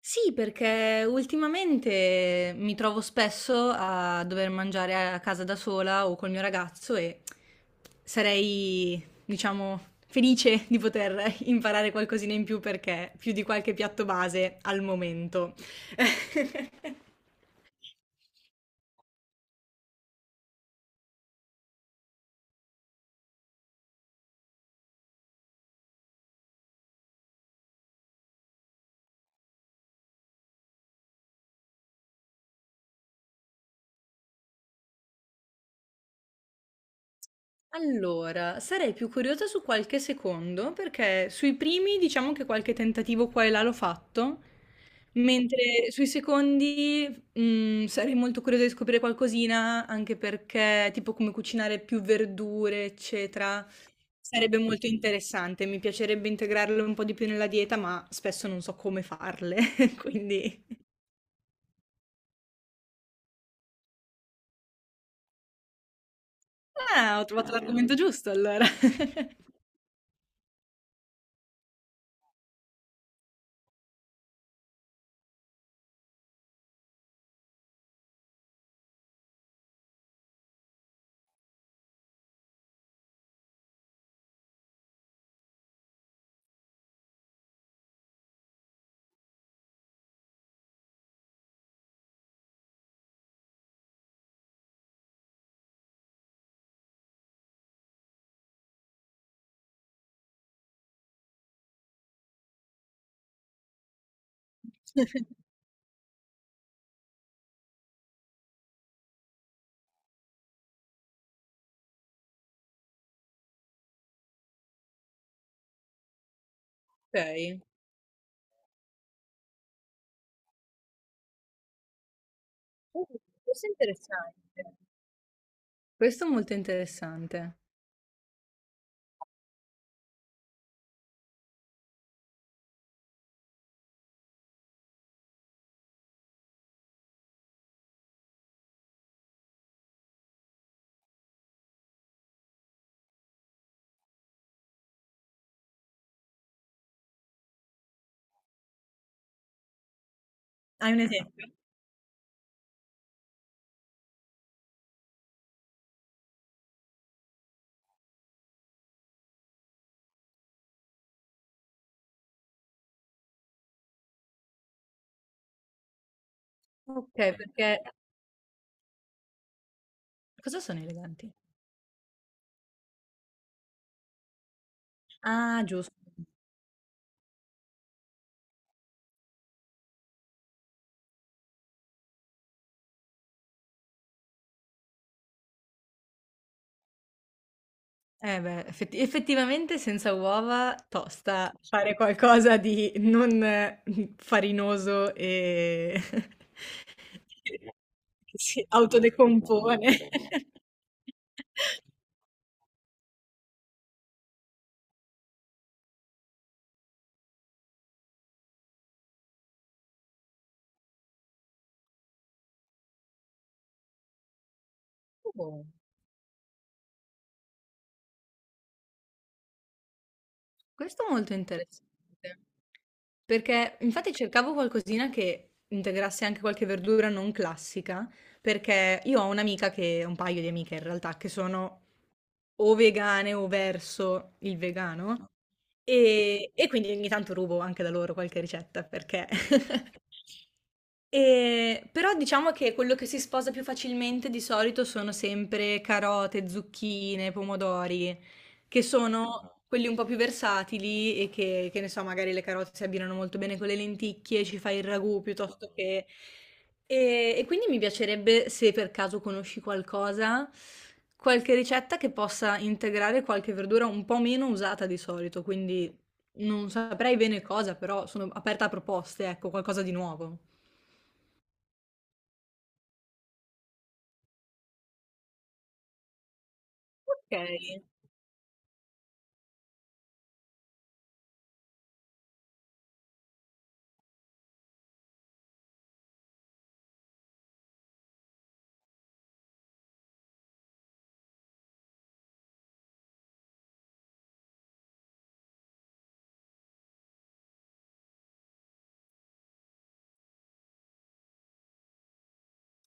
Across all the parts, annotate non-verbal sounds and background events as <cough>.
Sì, perché ultimamente mi trovo spesso a dover mangiare a casa da sola o col mio ragazzo e sarei, diciamo, felice di poter <laughs> imparare qualcosina in più perché più di qualche piatto base al momento. <laughs> Allora, sarei più curiosa su qualche secondo, perché sui primi diciamo che qualche tentativo qua e là l'ho fatto, mentre sui secondi sarei molto curiosa di scoprire qualcosina, anche perché tipo come cucinare più verdure, eccetera, sarebbe molto interessante. Mi piacerebbe integrarlo un po' di più nella dieta, ma spesso non so come farle, <laughs> quindi... Ah, ho trovato l'argomento giusto allora. <laughs> Ok. Oh, questo è interessante. Questo è molto interessante. Hai un esempio? Okay, perché cosa sono eleganti? Ah, giusto. Eh beh, effetti effettivamente senza uova tosta fare qualcosa di non, farinoso e <laughs> che si autodecompone. <laughs> Oh. Questo è molto interessante, perché infatti cercavo qualcosina che integrasse anche qualche verdura non classica, perché io ho un'amica che, un paio di amiche in realtà, che sono o vegane o verso il vegano, e, quindi ogni tanto rubo anche da loro qualche ricetta, perché <laughs> però diciamo che quello che si sposa più facilmente di solito sono sempre carote, zucchine, pomodori, che sono Ah. quelli un po' più versatili e che ne so, magari le carote si abbinano molto bene con le lenticchie, ci fai il ragù piuttosto Mh-mh. Che e quindi mi piacerebbe, se per caso conosci qualcosa, qualche ricetta che possa integrare qualche verdura un po' meno usata di solito, quindi non saprei bene cosa, però sono aperta a proposte, ecco, qualcosa di nuovo. Okay.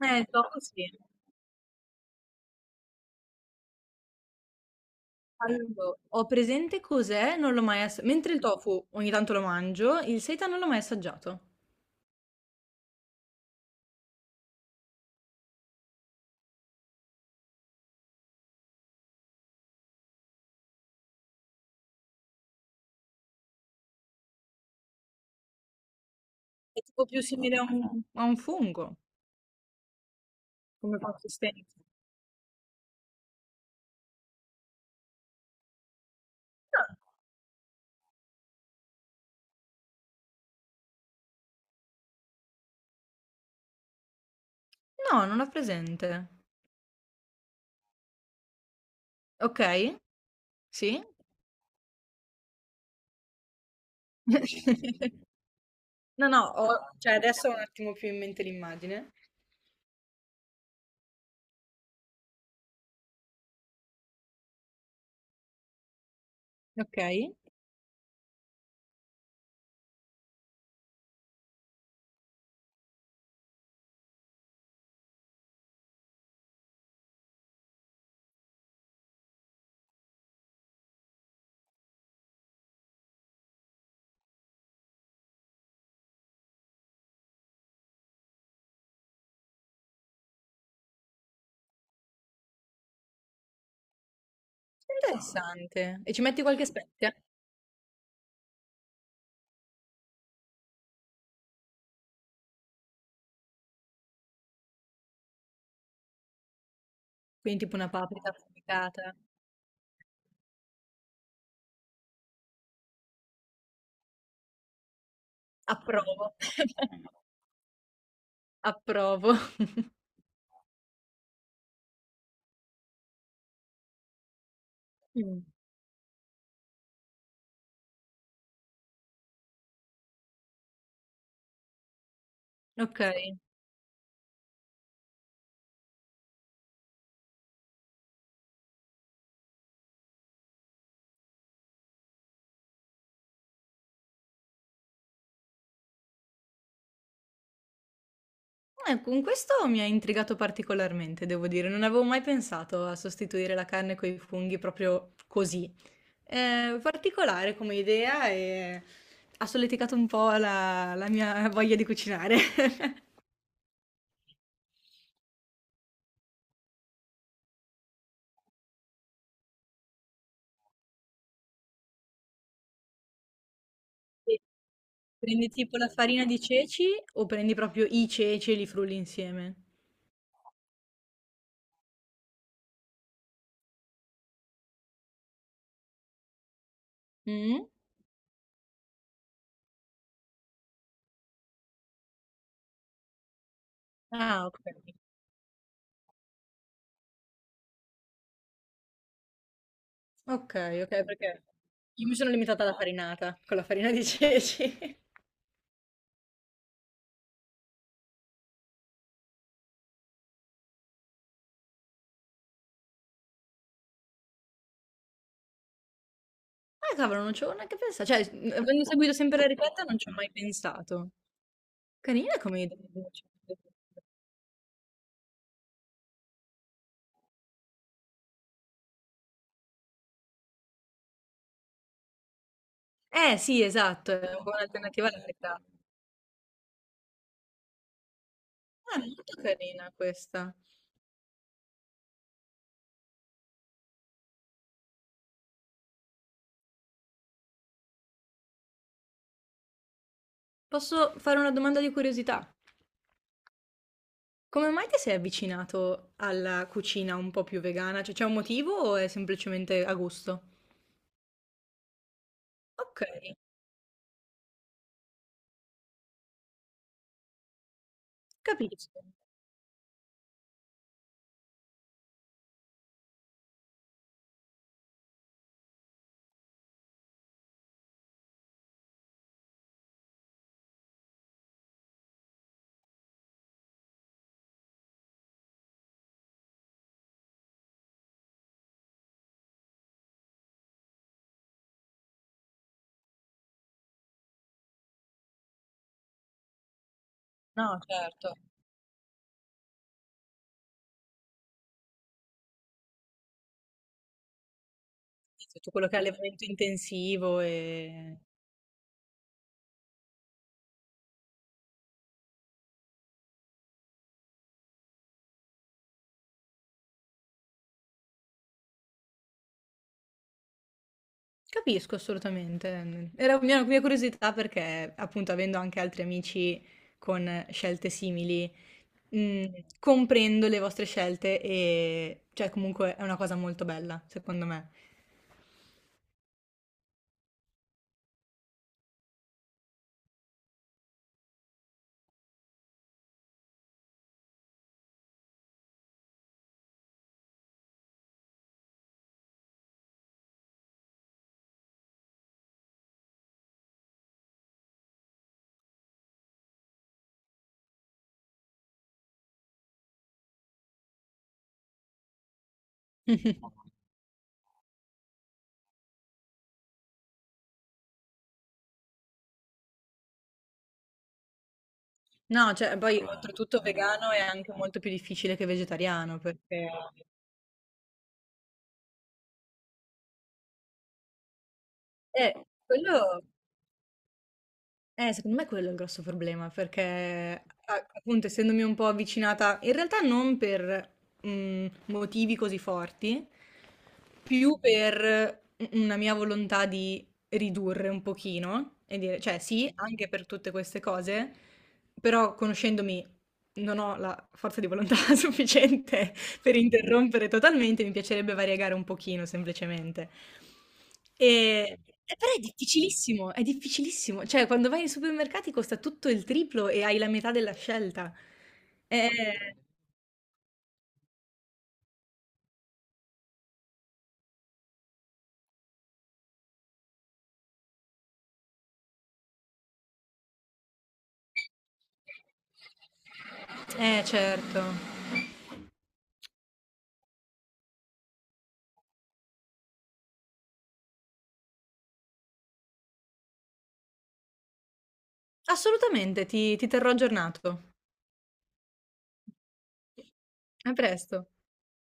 Il tofu sì. Allo ho presente cos'è, non l'ho mai assa mentre il tofu ogni tanto lo mangio, il seitan non l'ho mai assaggiato. È tipo più simile a un fungo come consistenza. No, no, non ho presente. Okay, sì. <laughs> No, no, ho cioè adesso ho un attimo più in mente l'immagine. Okay, interessante. E ci metti qualche spezia? Quindi tipo una paprika affumicata. Approvo. <laughs> Approvo. Mh, okay. Con questo mi ha intrigato particolarmente, devo dire. Non avevo mai pensato a sostituire la carne coi funghi proprio così. Particolare come idea e ha solleticato un po' la mia voglia di cucinare. <laughs> Sì. Prendi tipo la farina di ceci o prendi proprio i ceci e li frulli insieme? Mh? Ah, okay. Okay, okay, perché io mi sono limitata alla farinata, con la farina di ceci. <laughs> Ah cavolo, non ci avevo neanche pensa cioè, avendo seguito sempre la ricetta non ci ho mai pensato. Carina come idea. Eh sì, esatto, è un po' un'alternativa alla feta. Ah, molto carina questa. Posso fare una domanda di curiosità? Come mai ti sei avvicinato alla cucina un po' più vegana? Cioè, c'è un motivo o è semplicemente a gusto? Okay, capisco. No, certo. Sì, sì, tutto quello che è allevamento intensivo e capisco assolutamente. Mhmm, era mia curiosità perché, appunto, avendo anche altri amici con scelte simili, comprendo le vostre scelte e cioè comunque è una cosa molto bella, secondo me. <laughs> No, cioè poi oltretutto vegano è anche molto più difficile che vegetariano perché eh, quello eh, secondo me quello è il grosso problema, perché a- appunto essendomi un po' avvicinata, in realtà non per motivi così forti, più per una mia volontà di ridurre un pochino e dire, cioè sì, anche per tutte queste cose, però conoscendomi non ho la forza di volontà <laughs> sufficiente per interrompere totalmente, mi piacerebbe variegare un pochino semplicemente. Ehm, però è difficilissimo, è difficilissimo. Cioè, quando vai ai supermercati costa tutto il triplo e hai la metà della scelta. Eh, eh certo. Assolutamente, ti terrò aggiornato. A presto.